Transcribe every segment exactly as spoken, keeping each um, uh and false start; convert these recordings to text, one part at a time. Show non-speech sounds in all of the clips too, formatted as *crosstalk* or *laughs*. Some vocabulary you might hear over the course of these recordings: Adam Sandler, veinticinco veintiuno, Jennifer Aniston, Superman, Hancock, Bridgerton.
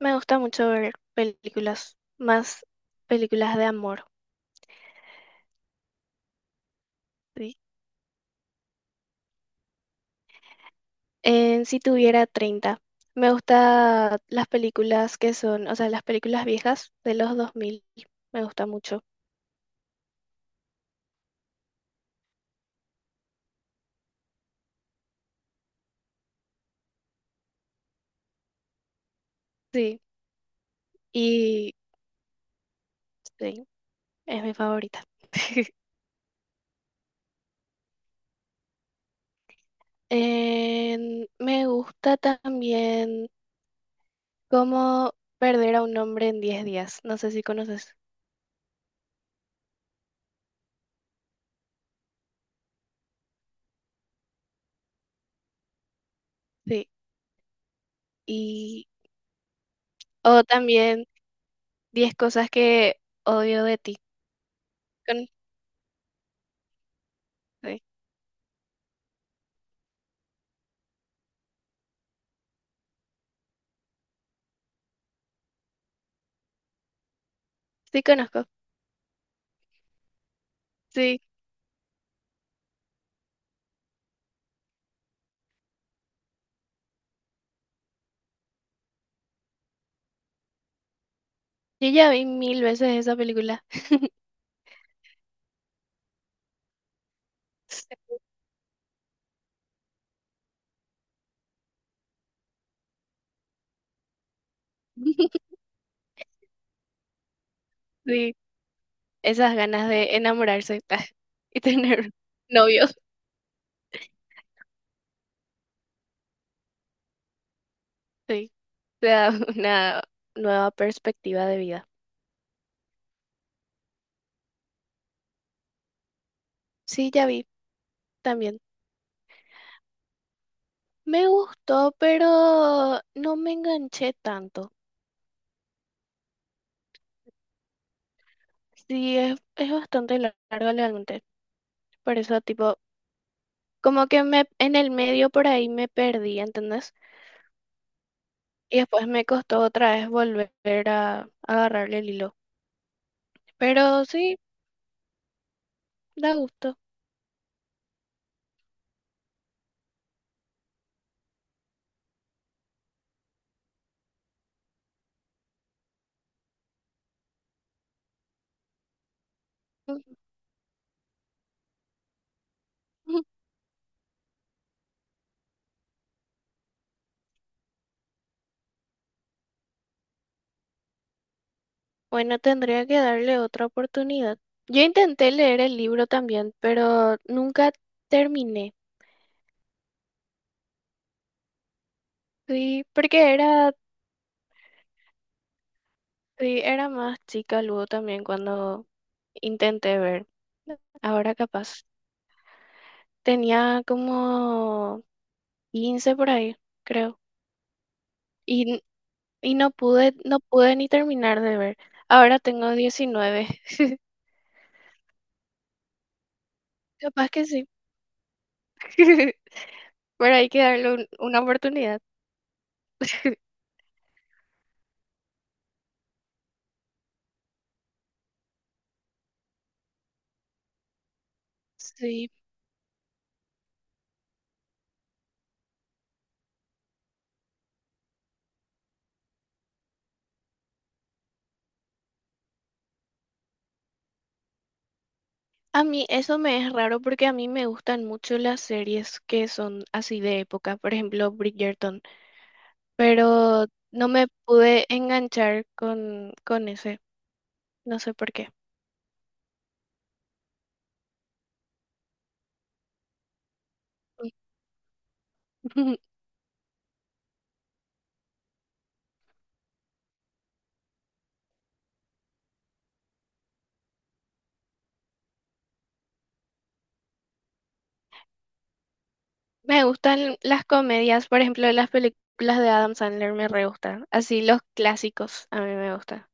Me gusta mucho ver películas, más películas de amor. ¿Sí? En Si tuviera treinta me gusta las películas que son, o sea, las películas viejas de los dos mil, me gusta mucho. Sí, y sí, es mi favorita. *laughs* En- me gusta también cómo perder a un hombre en diez días. No sé si conoces. Sí. Y, o también diez cosas que odio de ti. Con- sí, sí conozco. Sí, yo ya vi mil veces esa película. *laughs* Sí, esas ganas de enamorarse *laughs* y tener novios. Sí, te da una nueva perspectiva de vida. Sí, ya vi también. Me gustó, pero no me enganché tanto. Sí, es, es bastante lar- larga realmente. Por eso, tipo, como que me en el medio por ahí me perdí, ¿entendés? Y después me costó otra vez volver a agarrarle el hilo. Pero sí, da gusto. *laughs* Bueno, tendría que darle otra oportunidad. Yo intenté leer el libro también, pero nunca terminé. Sí, porque era, sí, era más chica luego también cuando intenté ver. Ahora capaz. Tenía como quince por ahí, creo. Y, n- y no pude, no pude ni terminar de ver. Ahora tengo diecinueve. *laughs* Capaz que sí. *laughs* Pero hay que darle un- una oportunidad. Sí. A mí eso me es raro porque a mí me gustan mucho las series que son así de época, por ejemplo Bridgerton, pero no me pude enganchar con, con ese, no sé por qué. *laughs* Me gustan las comedias, por ejemplo las películas de Adam Sandler me re gustan, así los clásicos a mí me gustan.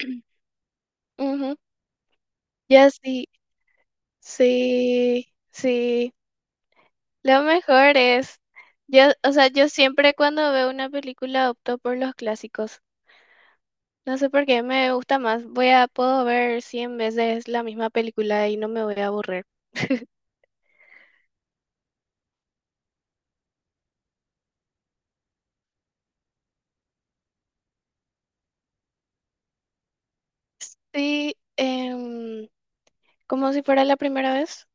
*clears throat* Ujú. Ya sí, sí, sí. Lo mejor es, yo, o sea, yo siempre cuando veo una película opto por los clásicos. No sé por qué me gusta más. Voy a, puedo ver cien veces la misma película y no me voy a aburrir. *laughs* Sí, em, como si fuera la primera vez.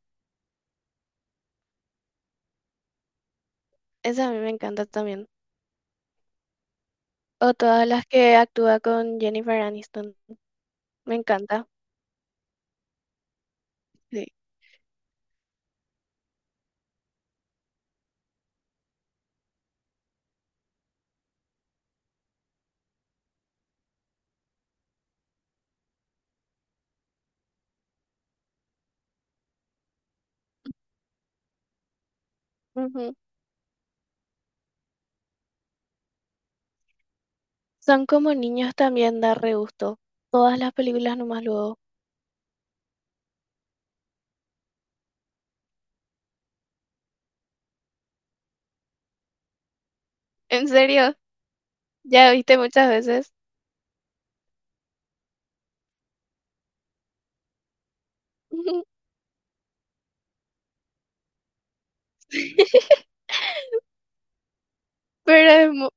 Esa a mí me encanta también. O todas las que actúa con Jennifer Aniston. Me encanta. Sí. Ujú. Son como niños también, da re gusto. Todas las películas nomás luego. ¿En serio? Ya viste muchas veces. *laughs* Pero es mu-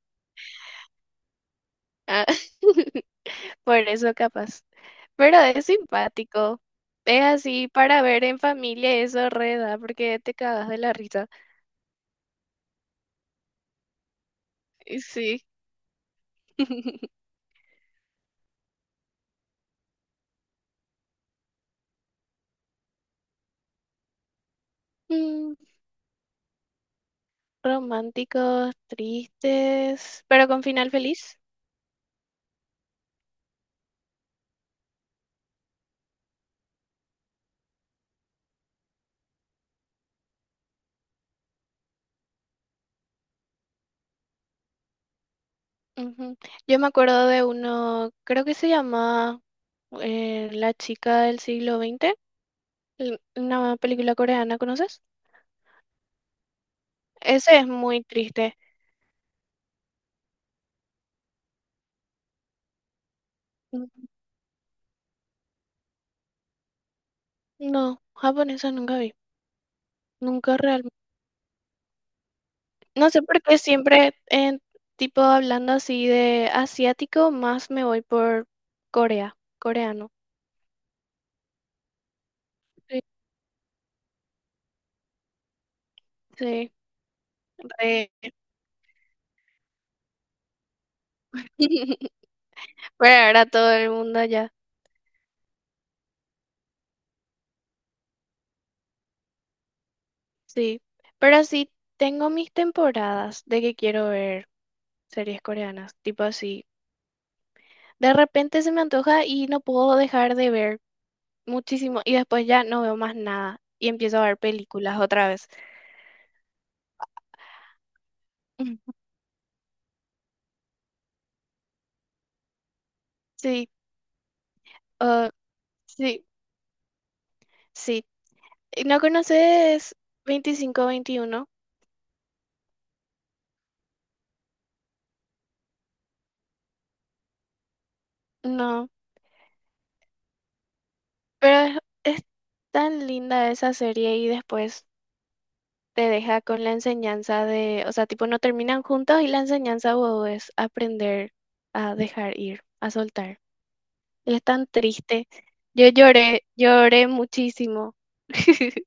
ah, *laughs* por eso capaz. Pero es simpático. Es así para ver en familia eso reda, porque te cagas de la risa. Y sí. *laughs* Mm, románticos, tristes, pero con final feliz. Ujú. Yo me acuerdo de uno, creo que se llama eh, La chica del siglo veinte, l- una película coreana, ¿conoces? Ese es muy triste. N- No, japonesa nunca vi, nunca. No sé por qué siempre, en, tipo, hablando así de asiático, más me voy por Corea, coreano. Sí, sí, re- *laughs* Pero ahora todo el mundo ya, sí. Pero sí tengo mis temporadas de que quiero ver series coreanas, tipo así. De repente se me antoja y no puedo dejar de ver muchísimo y después ya no veo más nada y empiezo a ver películas otra vez. *laughs* Sí, ah, sí, sí. ¿No conoces veinticinco veintiuno? No, pero es, es tan linda esa serie y después te deja con la enseñanza de, o sea, tipo no terminan juntos y la enseñanza wow, es aprender a dejar ir, a soltar. Y es tan triste. Yo lloré, lloré muchísimo. *laughs*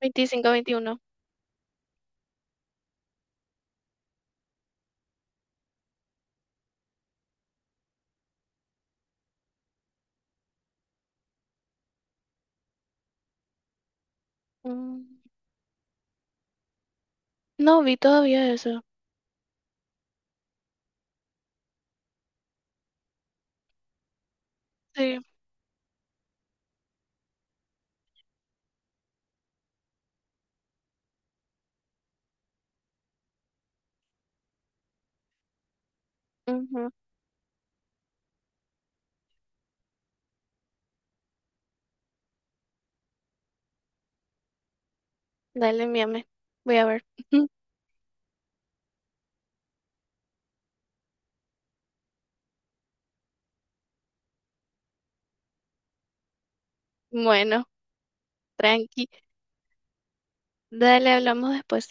Veinticinco veintiuno. Mm, no vi todavía eso. Sí. Ujú. Dale, envíame. Voy a ver. *laughs* Bueno, tranqui. Dale, hablamos después.